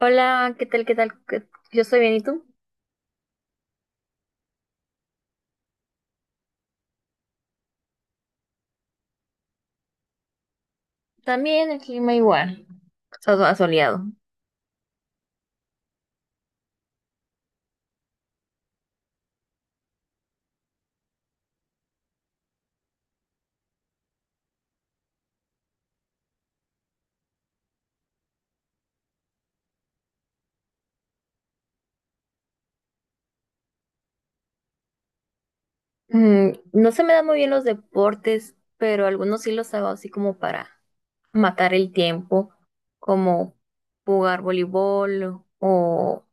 Hola, ¿qué tal? Yo estoy bien, ¿y tú? También el clima igual, asoleado. No se me dan muy bien los deportes, pero algunos sí los hago así como para matar el tiempo, como jugar voleibol o,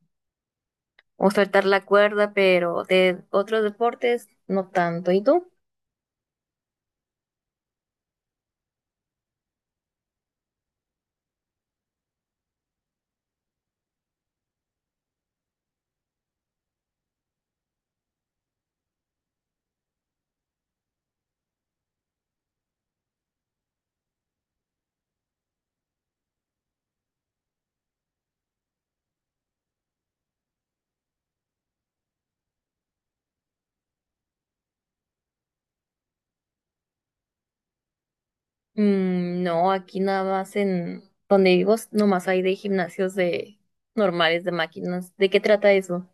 o saltar la cuerda, pero de otros deportes no tanto. ¿Y tú? Mm, no, aquí nada más en donde vivo, nomás hay de gimnasios de normales, de máquinas. ¿De qué trata eso?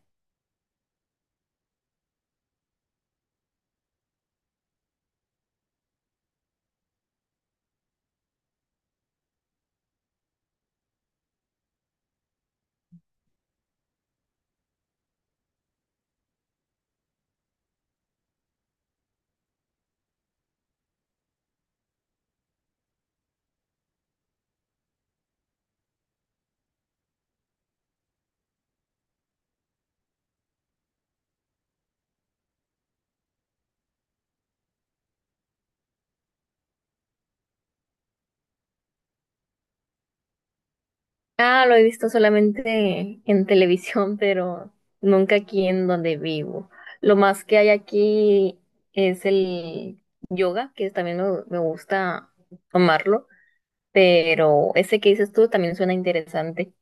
Ah, lo he visto solamente en televisión, pero nunca aquí en donde vivo. Lo más que hay aquí es el yoga, que también me gusta tomarlo, pero ese que dices tú también suena interesante.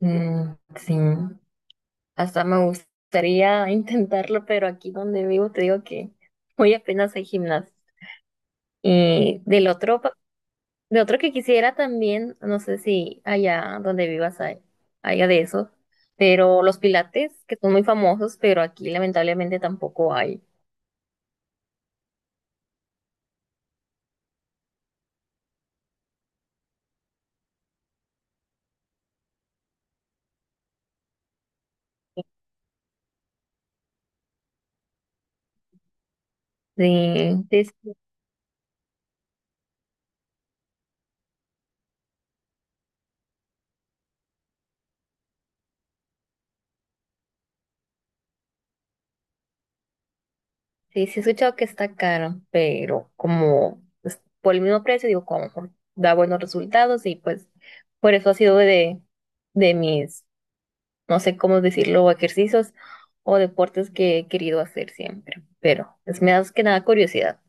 Mm, sí, hasta me gustaría intentarlo, pero aquí donde vivo te digo que hoy apenas hay gimnasio. Y del otro De otro que quisiera también, no sé si allá donde vivas hay, haya de eso, pero los pilates, que son muy famosos, pero aquí lamentablemente tampoco hay. Sí, sí, sí, sí he escuchado que está caro, pero como pues, por el mismo precio, digo, da buenos resultados y pues por eso ha sido de mis no sé cómo decirlo, ejercicios o deportes que he querido hacer siempre, pero es me da más que nada curiosidad.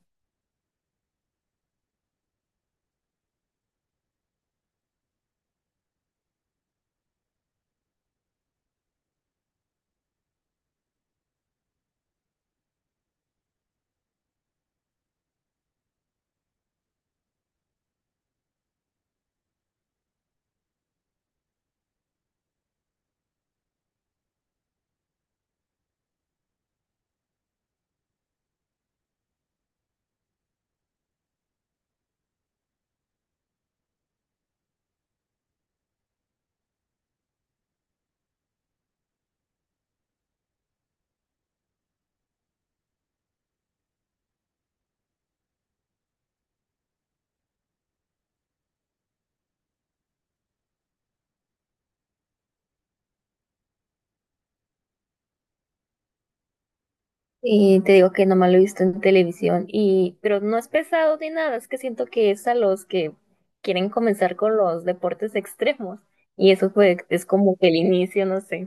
Y te digo que nomás lo he visto en televisión y pero no es pesado ni nada, es que siento que es a los que quieren comenzar con los deportes extremos y eso fue es como que el inicio, no sé,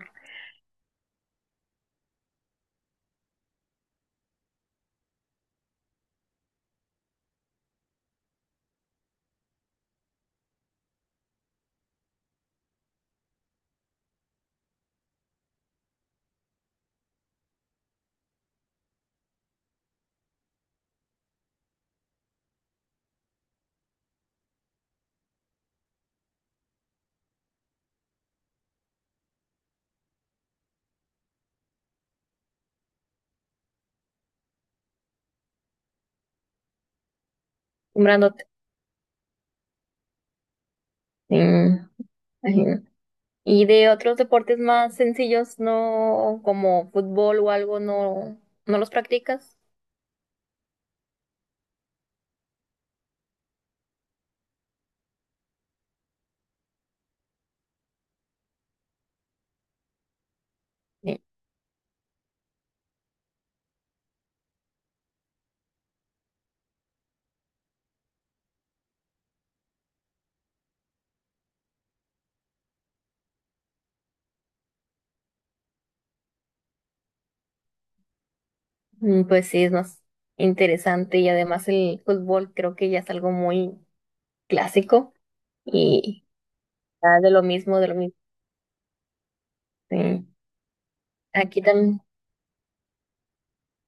nombrándote. Sí, imagino. Y de otros deportes más sencillos, no como fútbol o algo, no los practicas. Sí. Mm, pues sí, es más interesante y además el fútbol creo que ya es algo muy clásico y ya de lo mismo, de lo mismo. Sí. Aquí también,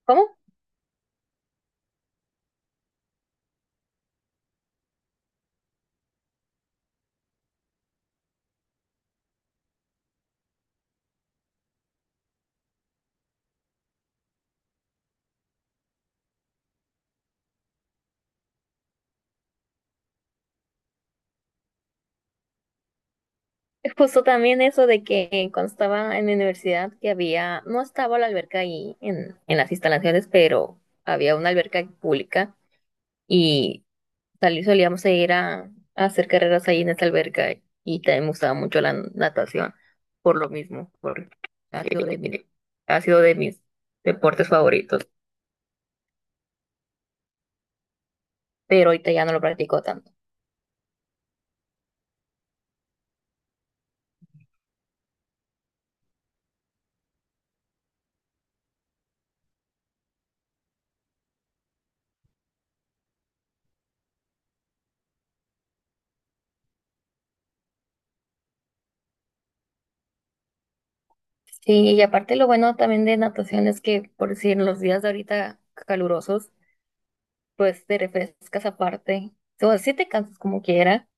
¿cómo? Justo también eso de que cuando estaba en la universidad que había, no estaba la alberca ahí en las instalaciones, pero había una alberca pública y salí, solíamos ir a hacer carreras ahí en esa alberca y también me gustaba mucho la natación por lo mismo, porque ha sido ha sido de mis deportes favoritos, pero ahorita ya no lo practico tanto. Sí, y aparte lo bueno también de natación es que, por decir, en los días de ahorita calurosos, pues te refrescas aparte. O sea, sí te cansas como quiera,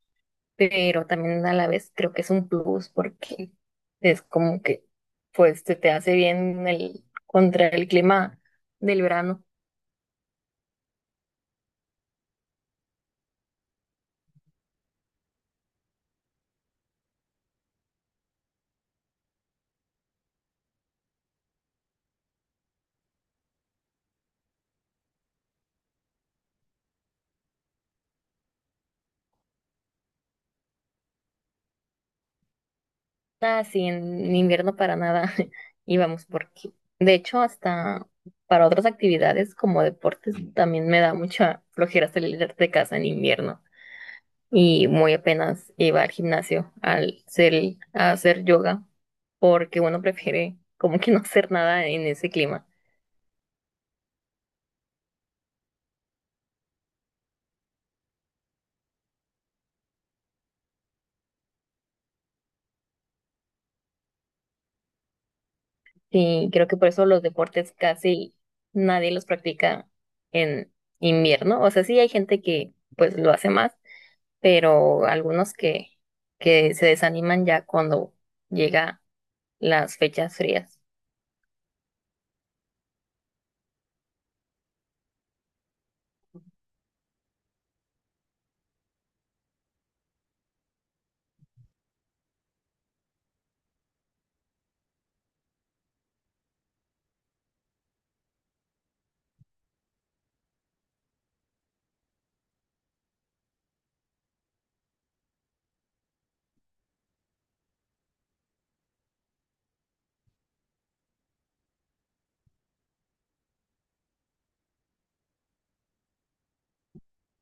pero también a la vez creo que es un plus porque es como que pues te hace bien el, contra el clima del verano. Así en invierno para nada íbamos porque de hecho hasta para otras actividades como deportes también me da mucha flojera salir de casa en invierno y muy apenas iba al gimnasio al ser, a hacer yoga porque uno prefiere como que no hacer nada en ese clima. Y creo que por eso los deportes casi nadie los practica en invierno. O sea, sí hay gente que pues lo hace más, pero algunos que se desaniman ya cuando llega las fechas frías.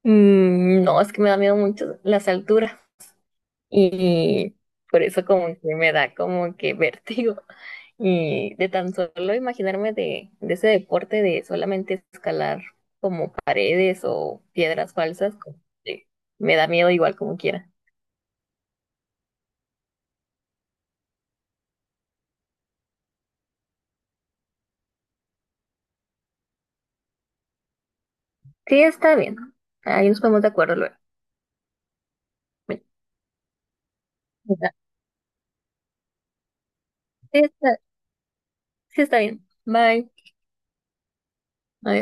Mm, no, es que me da miedo mucho las alturas y por eso como que me da como que vértigo. Y de tan solo imaginarme de ese deporte de solamente escalar como paredes o piedras falsas, como que me da miedo igual como quiera. Sí, está bien. Ahí nos ponemos de acuerdo luego. Bueno, sí, está, sí está bien. Bye. Adiós.